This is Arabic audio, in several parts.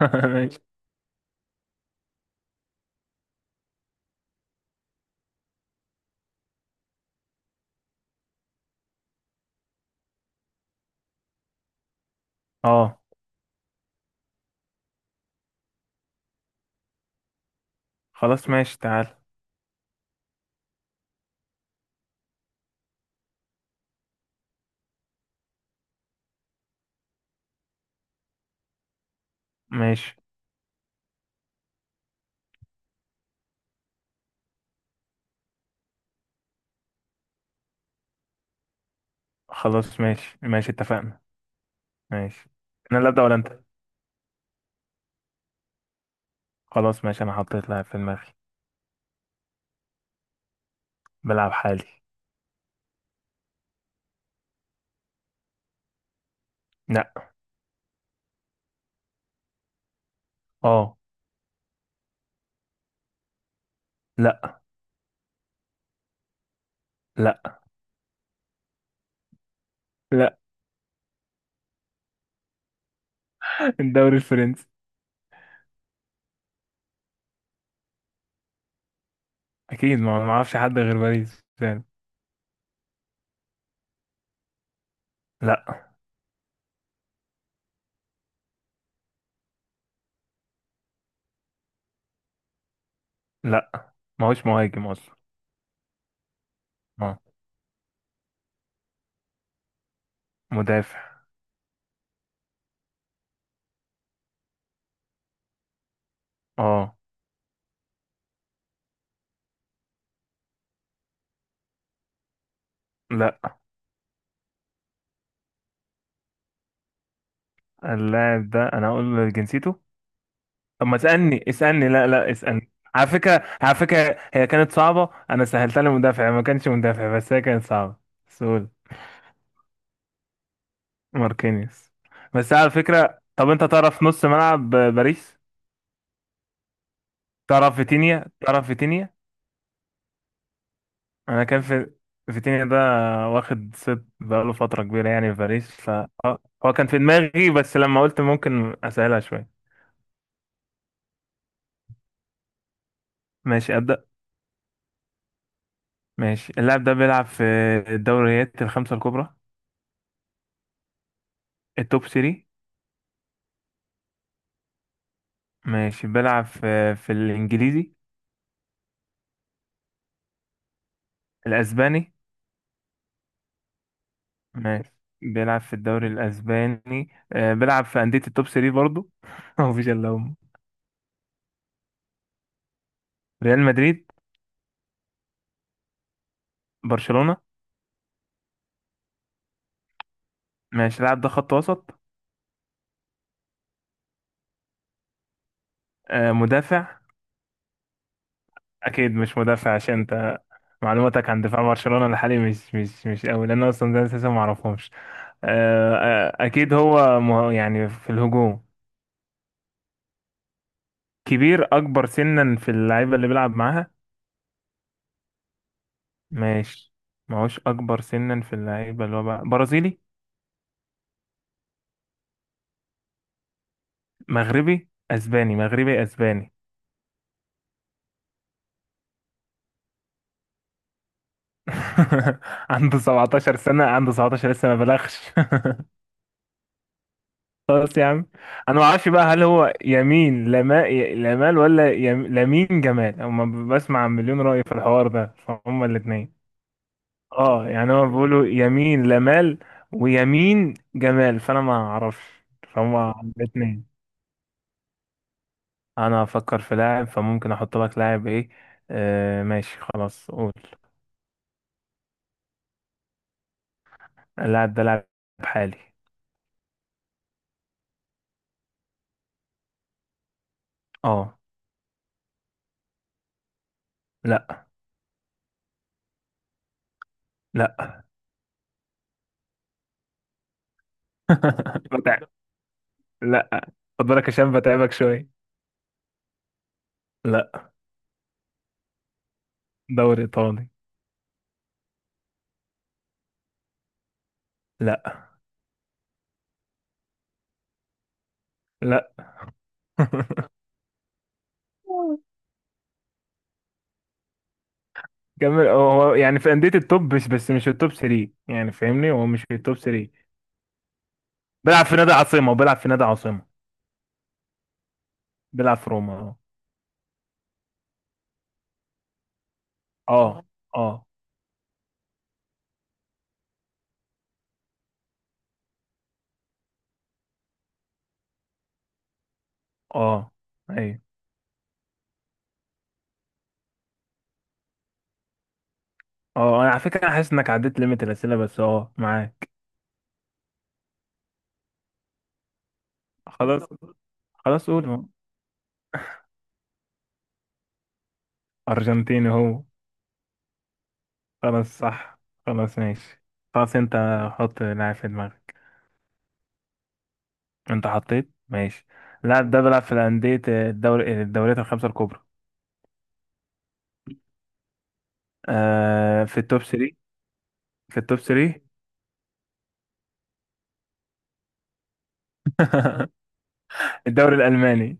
ماشي. اه، خلاص ماشي، تعال. ماشي. خلاص ماشي ماشي، اتفقنا. ماشي، انا اللي ابدا ولا انت؟ خلاص ماشي، انا حطيت لاعب في دماغي. بلعب حالي. لا. اه. لا. لا. لا. الدوري الفرنسي. اكيد، ما اعرفش حد غير باريس يعني. لا. لا، ما هوش مهاجم اصلا. اه. مدافع. اه. لا، اللاعب ده انا اقول جنسيته؟ طب، ما اسألني لا لا، اسألني. على فكرة، على فكرة، هي كانت صعبة، أنا سهلتها لمدافع، ما كانش مدافع، بس هي كانت صعبة. سول. ماركينيوس. بس على فكرة، طب أنت تعرف نص ملعب باريس؟ تعرف فيتينيا؟ تعرف فيتينيا؟ أنا كان في فيتينيا ده، واخد ست بقاله فترة كبيرة يعني في باريس، ف آه، هو كان في دماغي، بس لما قلت ممكن أسهلها شوية. ماشي أبدأ. ماشي، اللاعب ده بيلعب في الدوريات الخمسة الكبرى، التوب 3. ماشي، بيلعب في الإنجليزي، الأسباني. ماشي، بيلعب في الدوري الأسباني، بيلعب في أندية التوب 3 برضو. هو مفيش إلا هم. ريال مدريد. برشلونة. ماشي، اللاعب ده خط وسط. مدافع. أكيد مش مدافع، عشان أنت معلوماتك عن دفاع برشلونة الحالي مش قوي، لأن أنا أصلا ده أساسا معرفهمش. أكيد هو يعني في الهجوم. كبير، أكبر سنا في اللعيبة اللي بيلعب معاها. ماشي. معهوش، اكبر سنا في اللعيبه. اللي هو بقى برازيلي. مغربي، اسباني، مغربي، اسباني. عنده 17 سنه، عنده 17، لسه ما بلغش. خلاص يا عم. انا ما اعرفش بقى، هل هو يمين لمال، ولا لمين جمال؟ اما بسمع عن مليون رأي في الحوار ده، فهم الاثنين. اه، يعني هو بيقولوا يمين لمال ويمين جمال، فانا ما اعرفش. فهم الاثنين. انا هفكر في لاعب، فممكن احط لك لاعب ايه. آه ماشي، خلاص قول. اللاعب ده لاعب حالي. اه. لا. لا. بتاع. لا. خد بالك، عشان بتعبك شويه. لا. دوري ايطالي. لا. لا. كمل. هو هو يعني في انديه التوب، بس مش التوب 3، يعني فاهمني، هو مش في التوب 3. بيلعب في نادي عاصمه، وبيلعب في نادي عاصمه. بيلعب في روما. اه. اه. اه. اه. ايوه. اه. انا على فكره، انا حاسس انك عديت ليميت الاسئله، بس اه معاك. خلاص. خلاص قول ما. أرجنتيني هو. خلاص صح. خلاص ماشي. خلاص، أنت حط لاعب في دماغك. أنت حطيت، ماشي. اللاعب ده بيلعب في الأندية، الدوري، الدوريات الخمسة الكبرى. آه، في التوب 3. في التوب 3. الدوري الألماني.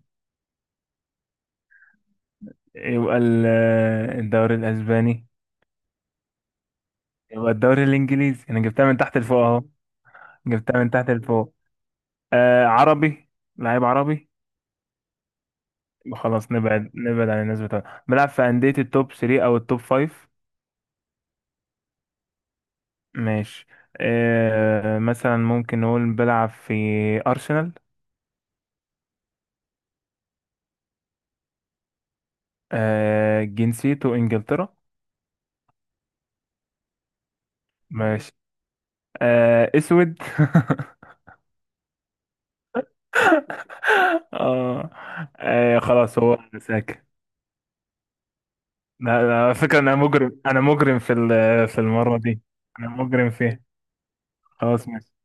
يبقى الدوري الأسباني. يبقى الدوري الإنجليزي، أنا جبتها من تحت لفوق أهو. جبتها من تحت لفوق. آه عربي، لعيب عربي. خلاص نبعد، نبعد عن الناس بتوع بيلعب في أندية التوب 3 أو التوب 5. ماشي. آه مثلا ممكن نقول بيلعب في أرسنال. آه جنسيته إنجلترا. ماشي. آه أسود. آه. آه خلاص هو ساكن. لا لا، على فكرة أنا مجرم، أنا مجرم في المرة دي. أنا مجرم فيها. خلاص ماشي.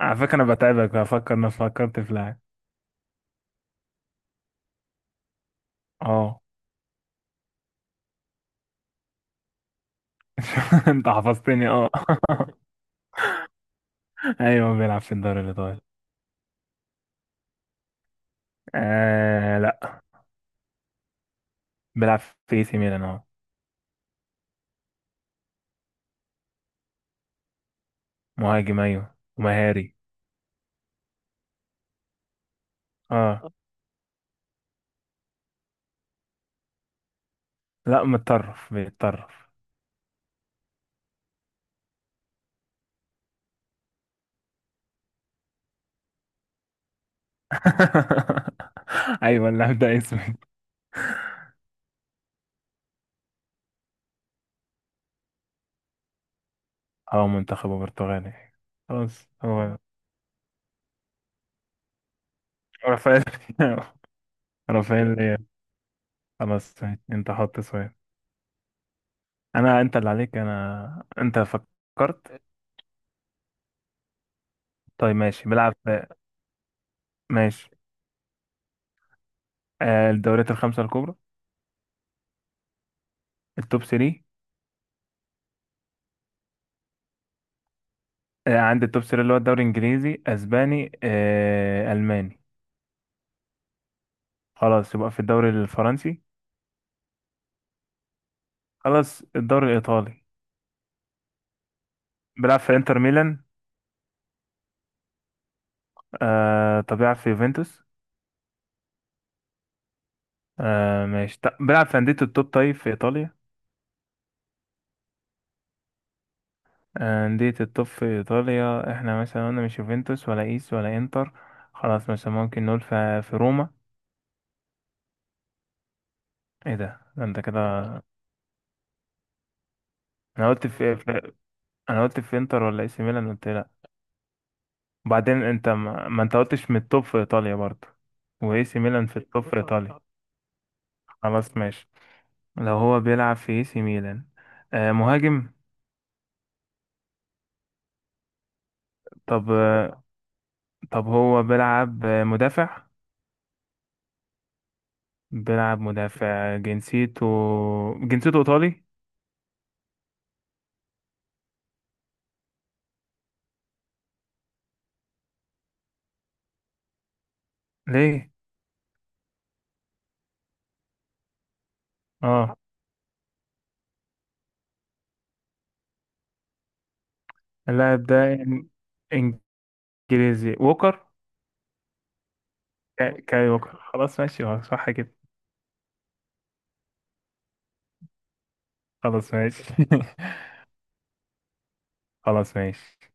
على فكرة أنا بتعبك بفكر، أنا فكرت في لاعب. أه. أنت حفظتني أه. أيوه بيلعب في الدوري الإيطالي. آه لا، بيلعب في إي سي ميلان أهو. مهاجم ايوه، ومهاري. اه. لا متطرف، بيتطرف. ايوه اللاعب ده اسمه. اه منتخب البرتغالي. خلاص هو. رافائيل. رافائيل ليا. خلاص ماشي. انت حط سؤال. انا، انت اللي عليك، انا، انت فكرت. طيب ماشي، ماشي، آه، الدوريات الخمسة الكبرى. التوب 3. آه، عند التوب 3، اللي هو الدوري الانجليزي، اسباني، آه، الماني. خلاص يبقى في الدوري الفرنسي. خلاص الدوري الايطالي. بيلعب في انتر ميلان. آه طب بيلعب في يوفنتوس. آه ماشي، طب بيلعب في أندية التوب طيب في إيطاليا. آه، أندية التوب في إيطاليا. احنا مثلا قلنا مش يوفنتوس، ولا إيس، ولا إنتر. خلاص مثلا ممكن نقول في روما. ايه ده، ده انت كده. انا قلت في، انا قلت في انتر ولا اي سي ميلان، قلت لا. وبعدين انت ما انت قلتش من التوب في ايطاليا برضه، واي سي ميلان في التوب في ايطاليا. خلاص ماشي. لو هو بيلعب في اي سي ميلان، آه مهاجم. طب آه، طب هو بيلعب مدافع. بيلعب مدافع. جنسيته. جنسيته ايطالي. ليه؟ اه اللاعب ده انجليزي. ووكر. كاي ووكر، خلاص ماشي، هو صح كده. خلاص ماشي. خلاص ماشي